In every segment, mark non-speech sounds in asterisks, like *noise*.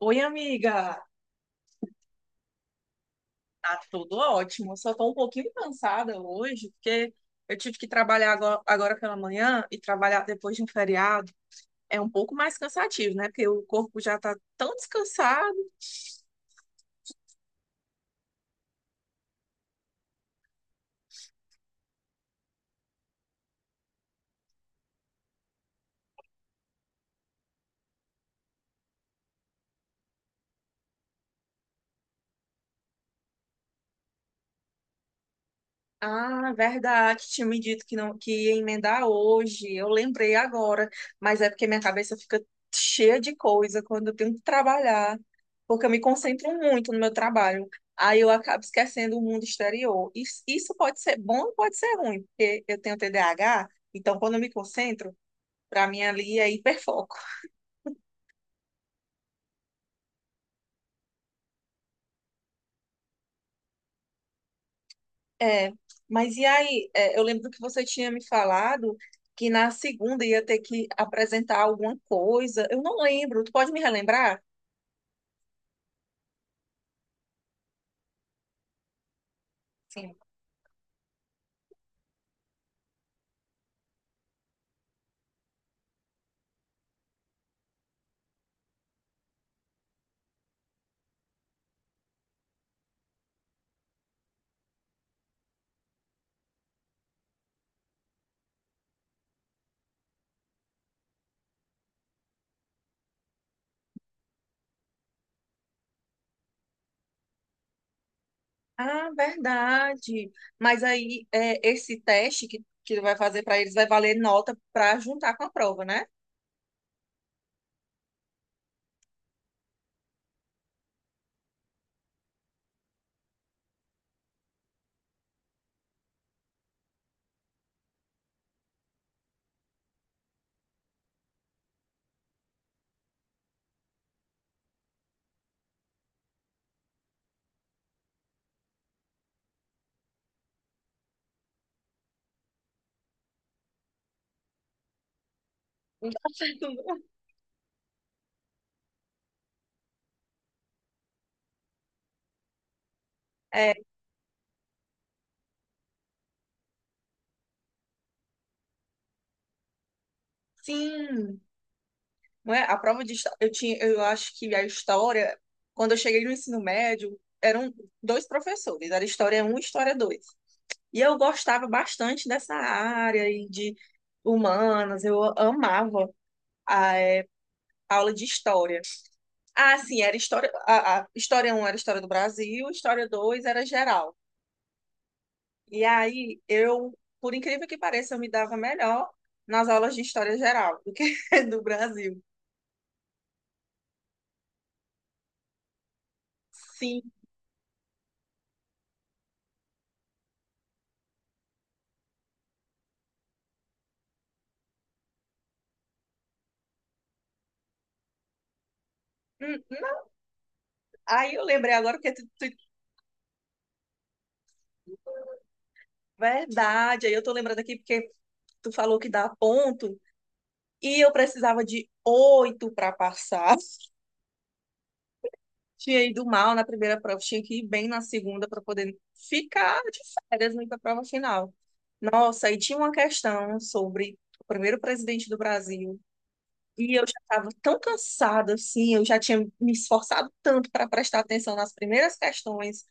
Oi, amiga. Tá tudo ótimo. Só tô um pouquinho cansada hoje, porque eu tive que trabalhar agora pela manhã e trabalhar depois de um feriado é um pouco mais cansativo, né? Porque o corpo já tá tão descansado. Ah, verdade. Tinha me dito que não que ia emendar hoje. Eu lembrei agora, mas é porque minha cabeça fica cheia de coisa quando eu tenho que trabalhar, porque eu me concentro muito no meu trabalho. Aí eu acabo esquecendo o mundo exterior. Isso pode ser bom ou pode ser ruim, porque eu tenho TDAH, então quando eu me concentro, para mim ali é hiperfoco. É, mas e aí? Eu lembro que você tinha me falado que na segunda ia ter que apresentar alguma coisa. Eu não lembro. Tu pode me relembrar? Sim. Ah, verdade. Mas aí é, esse teste que tu vai fazer para eles vai valer nota para juntar com a prova, né? *laughs* É, sim, não é? A prova de história, eu tinha, eu acho que a história, quando eu cheguei no ensino médio, eram dois professores, era história 1 e história 2. E eu gostava bastante dessa área e de humanas, eu amava a é, aula de história. Ah, sim, era história, a história um era história do Brasil, história 2 era geral. E aí eu, por incrível que pareça, eu me dava melhor nas aulas de história geral do que *laughs* do Brasil. Sim. Hum, hum. Aí eu lembrei agora porque verdade, aí eu tô lembrando aqui porque tu falou que dá ponto e eu precisava de oito para passar. Tinha ido mal na primeira prova, tinha que ir bem na segunda para poder ficar de férias na prova final. Nossa, aí tinha uma questão sobre o primeiro presidente do Brasil. E eu já estava tão cansada assim, eu já tinha me esforçado tanto para prestar atenção nas primeiras questões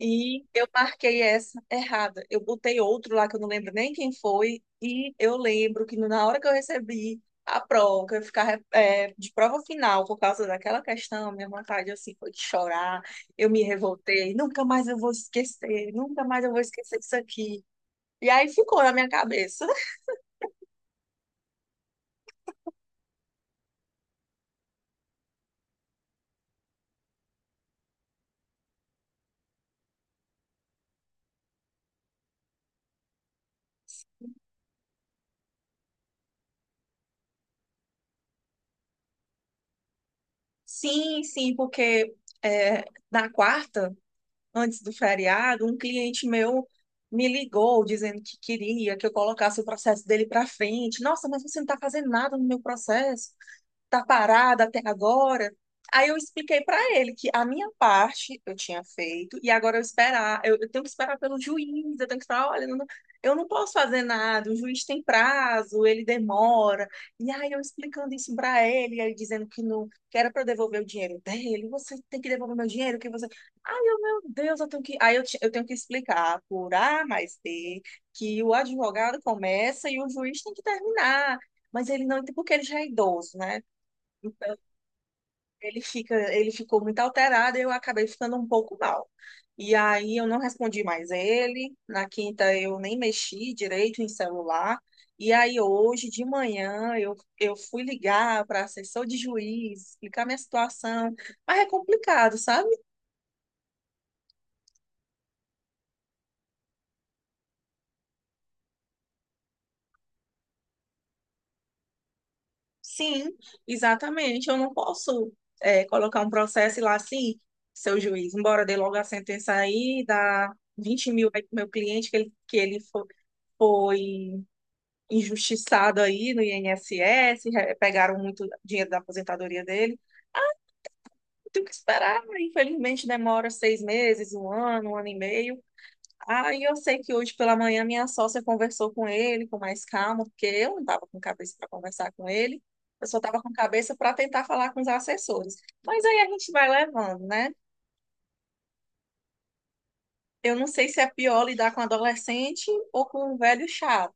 e eu marquei essa errada. Eu botei outro lá que eu não lembro nem quem foi. E eu lembro que na hora que eu recebi a prova, que eu ficar é, de prova final por causa daquela questão, minha vontade assim foi de chorar. Eu me revoltei. Nunca mais eu vou esquecer. Nunca mais eu vou esquecer isso aqui. E aí ficou na minha cabeça. *laughs* Sim, sim, porque é, na quarta, antes do feriado, um cliente meu me ligou dizendo que queria que eu colocasse o processo dele para frente. Nossa, mas você não está fazendo nada no meu processo, tá parada até agora. Aí eu expliquei para ele que a minha parte eu tinha feito e agora eu esperar, eu tenho que esperar pelo juiz, eu tenho que falar, olha, eu não posso fazer nada, o juiz tem prazo, ele demora. E aí eu explicando isso para ele, aí dizendo que não, que era para eu devolver o dinheiro dele, você tem que devolver meu dinheiro, que você. Ai, eu, meu Deus, eu tenho que, eu tenho que explicar por A mais B que o advogado começa e o juiz tem que terminar. Mas ele não, porque ele já é idoso, né? Então, ele fica, ele ficou muito alterado e eu acabei ficando um pouco mal. E aí eu não respondi mais ele. Na quinta eu nem mexi direito em celular. E aí hoje de manhã eu fui ligar para assessor de juiz, explicar minha situação. Mas é complicado, sabe? Sim, exatamente. Eu não posso colocar um processo e lá assim, seu juiz, embora dê logo a sentença aí, dá 20 mil aí pro meu cliente que ele foi injustiçado aí no INSS, pegaram muito dinheiro da aposentadoria dele. Eu tenho que esperar, infelizmente demora 6 meses, um ano e meio. Aí eu sei que hoje pela manhã minha sócia conversou com ele com mais calma, porque eu não estava com cabeça para conversar com ele, eu só estava com cabeça para tentar falar com os assessores. Mas aí a gente vai levando, né? Eu não sei se é pior lidar com adolescente ou com um velho chato.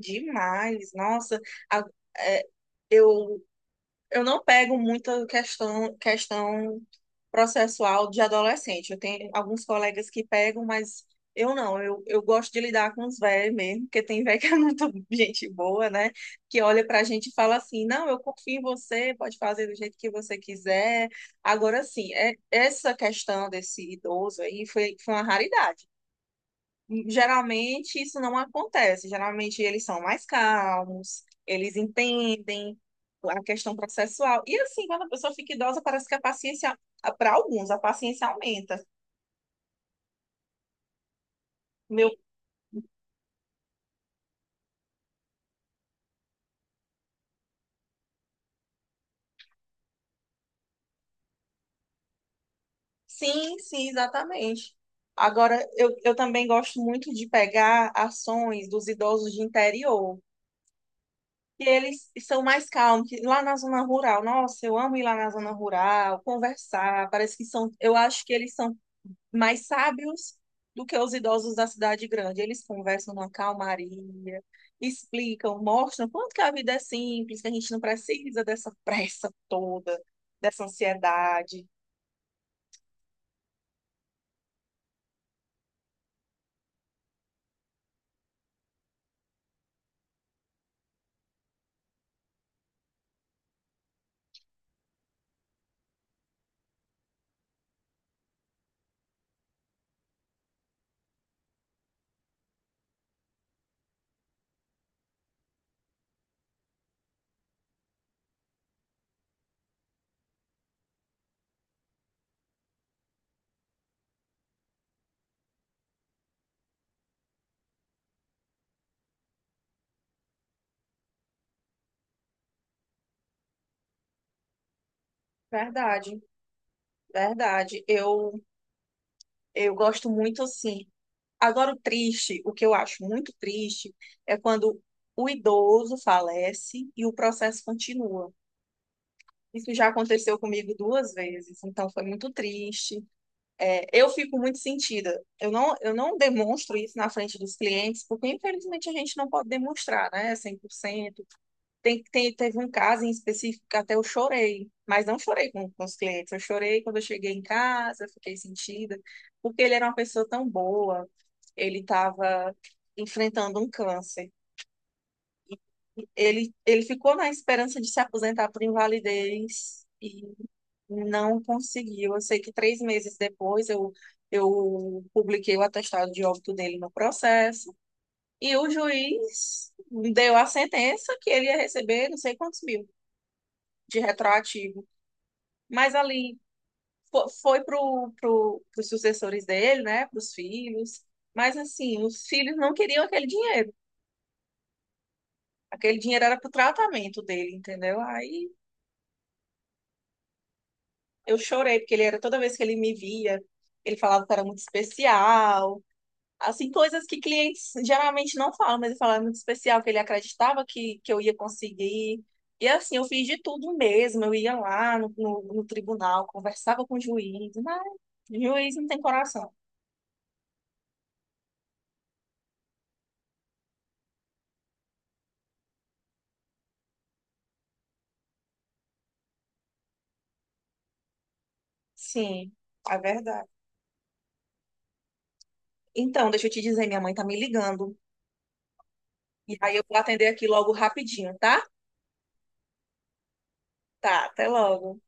Demais, nossa. A- é, eu eu não pego muita questão processual de adolescente. Eu tenho alguns colegas que pegam, mas eu não. Eu gosto de lidar com os velhos mesmo, porque tem velho *laughs* que é muito gente boa, né? Que olha pra gente e fala assim: não, eu confio em você, pode fazer do jeito que você quiser. Agora, sim, é, essa questão desse idoso aí foi uma raridade. Geralmente isso não acontece. Geralmente eles são mais calmos, eles entendem a questão processual. E assim, quando a pessoa fica idosa, parece que a paciência, para alguns, a paciência aumenta. Meu, sim, sim, exatamente. Agora, eu também gosto muito de pegar ações dos idosos de interior, que eles são mais calmos, que lá na zona rural. Nossa, eu amo ir lá na zona rural, conversar. Parece que são, eu acho que eles são mais sábios do que os idosos da cidade grande. Eles conversam numa calmaria, explicam, mostram quanto que a vida é simples, que a gente não precisa dessa pressa toda, dessa ansiedade. Verdade, verdade. Eu gosto muito assim. Agora, o triste, o que eu acho muito triste, é quando o idoso falece e o processo continua. Isso já aconteceu comigo duas vezes, então foi muito triste. É, eu fico muito sentida. Eu não demonstro isso na frente dos clientes, porque infelizmente a gente não pode demonstrar, né? 100%. Teve um caso em específico que até eu chorei, mas não chorei com os clientes. Eu chorei quando eu cheguei em casa, fiquei sentida, porque ele era uma pessoa tão boa, ele estava enfrentando um câncer. Ele ficou na esperança de se aposentar por invalidez e não conseguiu. Eu sei que 3 meses depois eu publiquei o atestado de óbito dele no processo e o juiz deu a sentença que ele ia receber não sei quantos mil de retroativo. Mas ali foi para os sucessores dele, né, para os filhos. Mas assim, os filhos não queriam aquele dinheiro. Aquele dinheiro era para o tratamento dele, entendeu? Aí eu chorei, porque ele era toda vez que ele me via, ele falava que era muito especial. Assim, coisas que clientes geralmente não falam, mas ele falava muito especial, que ele acreditava que eu ia conseguir. E assim, eu fiz de tudo mesmo. Eu ia lá no tribunal, conversava com o juiz, mas o juiz não tem coração. Sim, é verdade. Então, deixa eu te dizer, minha mãe tá me ligando. E aí eu vou atender aqui logo rapidinho, tá? Tá, até logo.